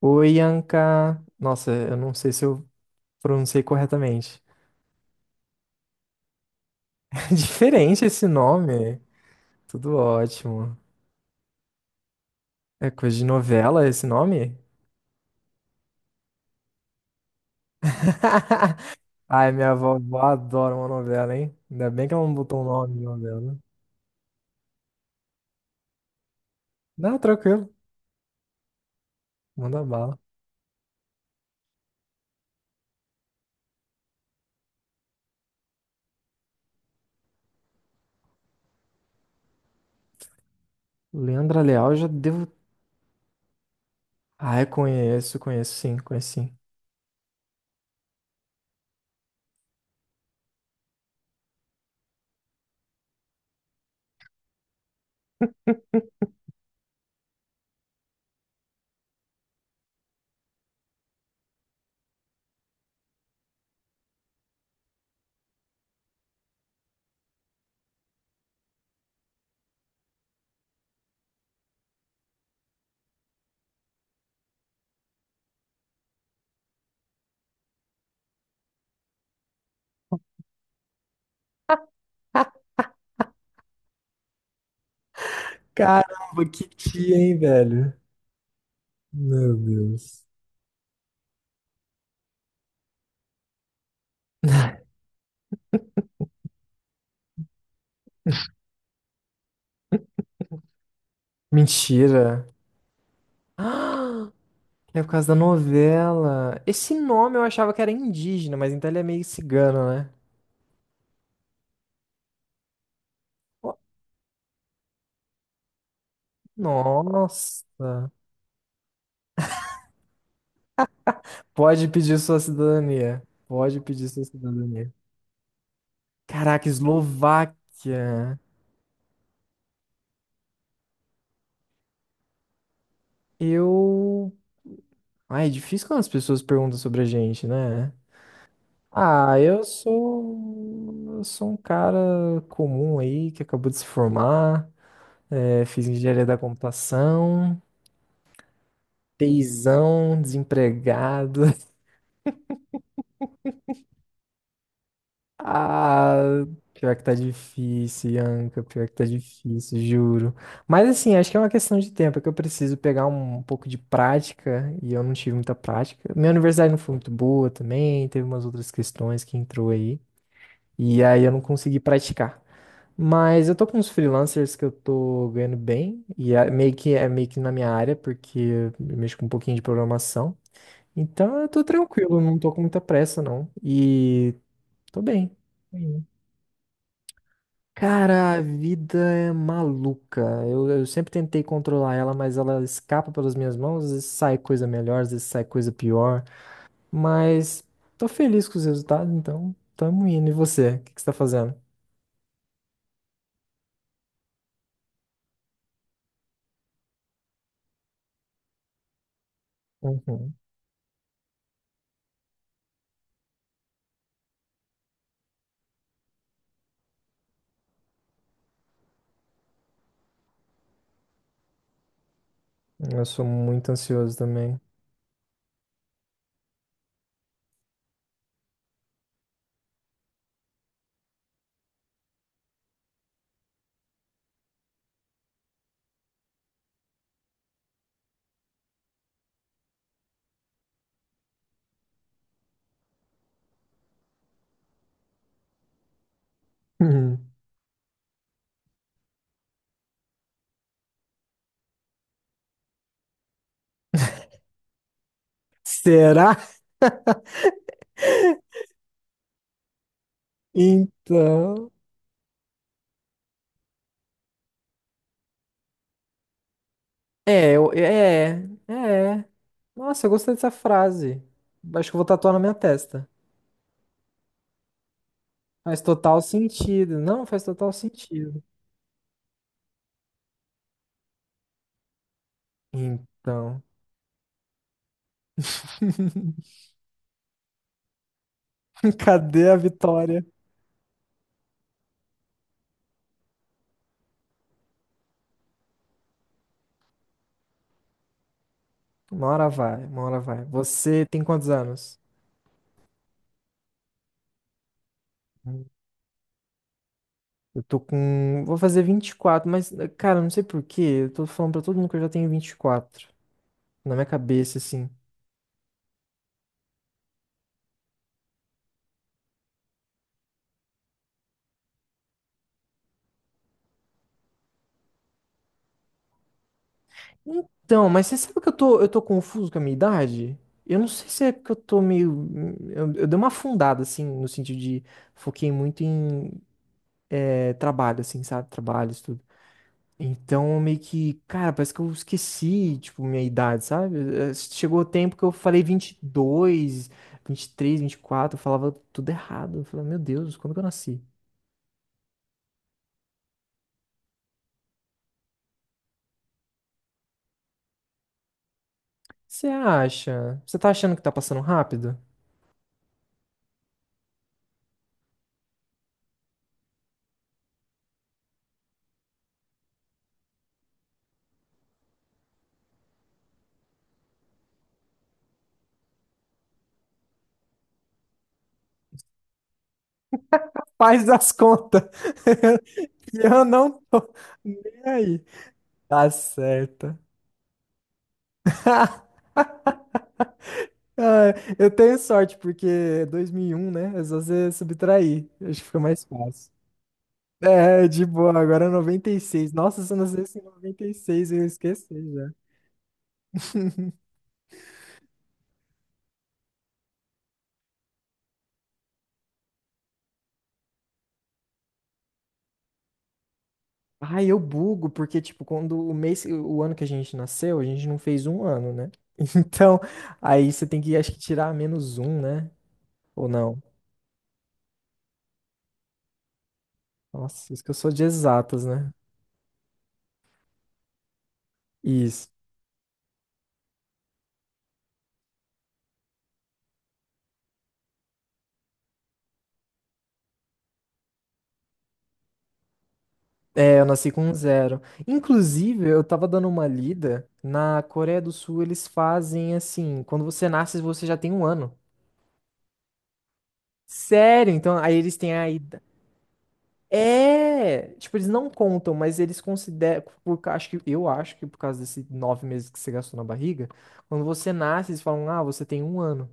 Oi, Anka. Nossa, eu não sei se eu pronunciei corretamente. Diferente esse nome. Tudo ótimo. É coisa de novela esse nome? Ai, minha vovó adora uma novela, hein? Ainda bem que ela não botou um nome de novela, né? Não, tranquilo. Manda bala. Leandra Leal, já devo. Ai, conheço, conheço sim, conheço sim. Caramba, que tia, hein, velho? Meu Deus. Mentira. É por causa da novela. Esse nome eu achava que era indígena, mas então ele é meio cigano, né? Ó, nossa. Pode pedir sua cidadania. Pode pedir sua cidadania. Caraca, Eslováquia. Eu. Ai, é difícil quando as pessoas perguntam sobre a gente, né? Ah, eu sou. Eu sou um cara comum aí que acabou de se formar. Fiz engenharia da computação. Teizão, desempregado. Ah, pior que tá difícil, Ianca, pior que tá difícil, juro. Mas assim, acho que é uma questão de tempo, é que eu preciso pegar um pouco de prática e eu não tive muita prática. Minha universidade não foi muito boa também, teve umas outras questões que entrou aí, e aí eu não consegui praticar. Mas eu tô com uns freelancers que eu tô ganhando bem, e é meio que na minha área, porque eu mexo com um pouquinho de programação. Então eu tô tranquilo, não tô com muita pressa, não. E tô bem. Cara, a vida é maluca. Eu sempre tentei controlar ela, mas ela escapa pelas minhas mãos. Às vezes sai coisa melhor, às vezes sai coisa pior. Mas tô feliz com os resultados, então tamo indo. E você? O que que você tá fazendo? Uhum. Eu sou muito ansioso também. Uhum. Será? Então. É, é. Nossa, eu gostei dessa frase. Acho que eu vou tatuar na minha testa. Faz total sentido. Não, faz total sentido. Então. Cadê a vitória? Uma hora vai, uma hora vai. Você tem quantos anos? Hum. Eu tô com. Vou fazer 24, mas, cara, não sei por quê. Eu tô falando pra todo mundo que eu já tenho 24 na minha cabeça, assim. Então, mas você sabe que eu tô confuso com a minha idade? Eu não sei se é porque eu tô meio. Eu dei uma afundada, assim, no sentido de. Foquei muito em trabalho, assim, sabe? Trabalho. Então, meio que, cara, parece que eu esqueci, tipo, minha idade, sabe? Chegou o tempo que eu falei 22, vinte 23, 24. Eu falava tudo errado. Eu falei, meu Deus, quando que eu nasci? Você acha? Você tá achando que tá passando rápido? Faz as contas. E eu não tô nem aí. Tá certo. Ah, eu tenho sorte, porque é 2001, né? É só você subtrair. Acho que fica mais fácil. É, de boa, agora é 96. Nossa, se eu nascesse em 96, eu ia esquecer já. Ah, eu bugo, porque, tipo, quando o mês, o ano que a gente nasceu, a gente não fez um ano, né? Então, aí você tem que, acho que, tirar menos um, né? Ou não? Nossa, isso que eu sou de exatas, né? Isso. É, eu nasci com um zero. Inclusive, eu tava dando uma lida, na Coreia do Sul eles fazem assim: quando você nasce, você já tem um ano. Sério? Então, aí eles têm a idade. É, tipo, eles não contam, mas eles consideram, por, ca- acho que, eu acho que por causa desses nove meses que você gastou na barriga, quando você nasce, eles falam, ah, você tem um ano.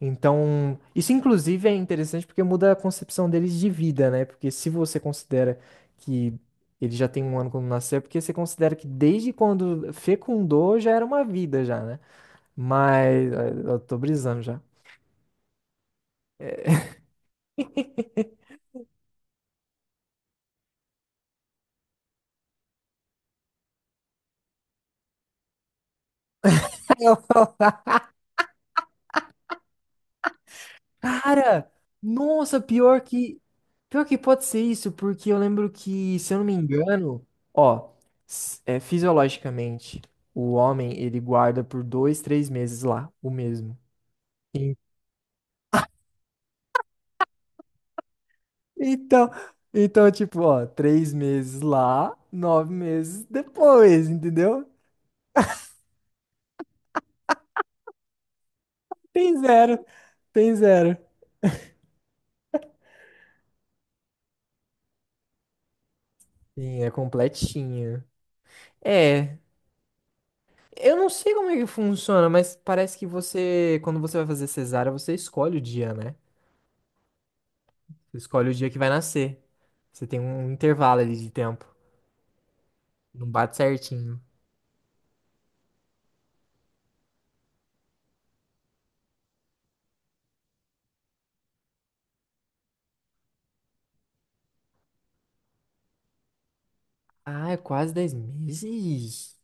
Então, isso inclusive é interessante porque muda a concepção deles de vida, né? Porque se você considera que ele já tem um ano quando nasceu, é porque você considera que desde quando fecundou já era uma vida já, né? Mas eu tô brisando já. Cara, nossa, pior que pode ser isso, porque eu lembro que, se eu não me engano, ó, s- é, fisiologicamente, o homem ele guarda por dois, três meses lá, o mesmo. En- Então, então tipo, ó, três meses lá, nove meses depois, entendeu? Tem zero, tem zero. Sim, é completinha. É, eu não sei como é que funciona, mas parece que você, quando você vai fazer cesárea, você escolhe o dia, né? Você escolhe o dia que vai nascer. Você tem um intervalo ali de tempo. Não bate certinho. Ah, é quase 10 meses?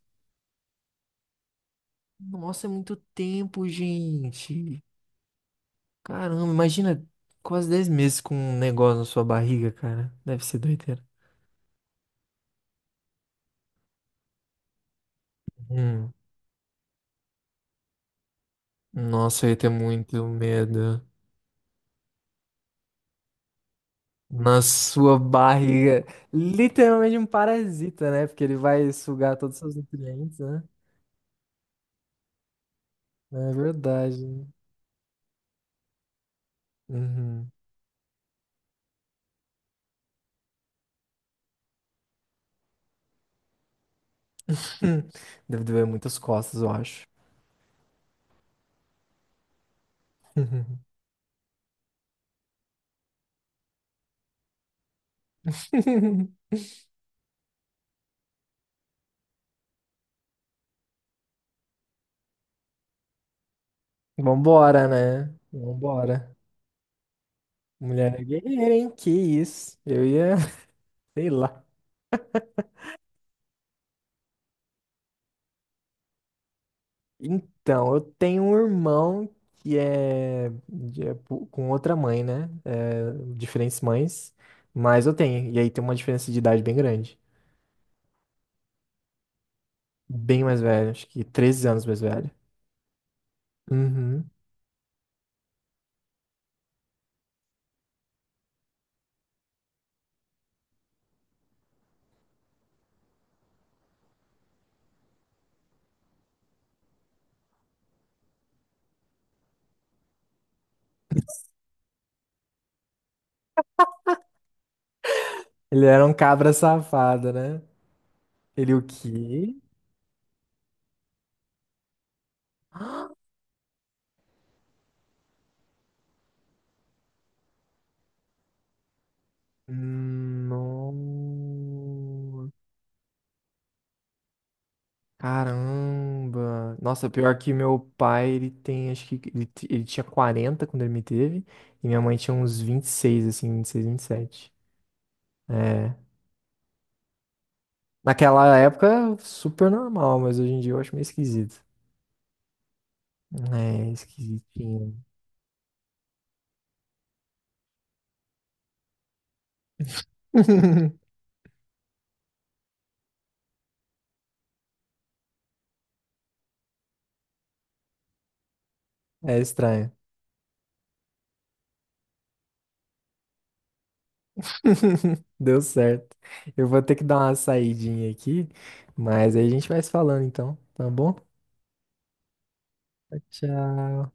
Nossa, é muito tempo, gente. Caramba, imagina quase 10 meses com um negócio na sua barriga, cara. Deve ser doideira. Hum, nossa, eu ia ter muito medo. Na sua barriga. Literalmente um parasita, né? Porque ele vai sugar todos os seus nutrientes, né? É verdade, né? Uhum. Deve doer muitas costas, eu acho. Vambora, né? Vambora. Mulher é guerreira, hein? Que isso? Eu ia, sei lá. Então, eu tenho um irmão que é, de- é pu- com outra mãe, né? É, diferentes mães, mas eu tenho. E aí tem uma diferença de idade bem grande. Bem mais velho, acho que 13 anos mais velho. Uhum. Ele era um cabra safado, né? Ele o quê? No... Caramba! Nossa, pior que meu pai, ele tem, acho que ele, t- ele tinha 40 quando ele me teve, e minha mãe tinha uns 26 assim, 20 26 27. É. Naquela época, super normal, mas hoje em dia eu acho meio esquisito. É, esquisitinho. É estranho. Deu certo. Eu vou ter que dar uma saidinha aqui, mas aí a gente vai se falando então, tá bom? Tchau.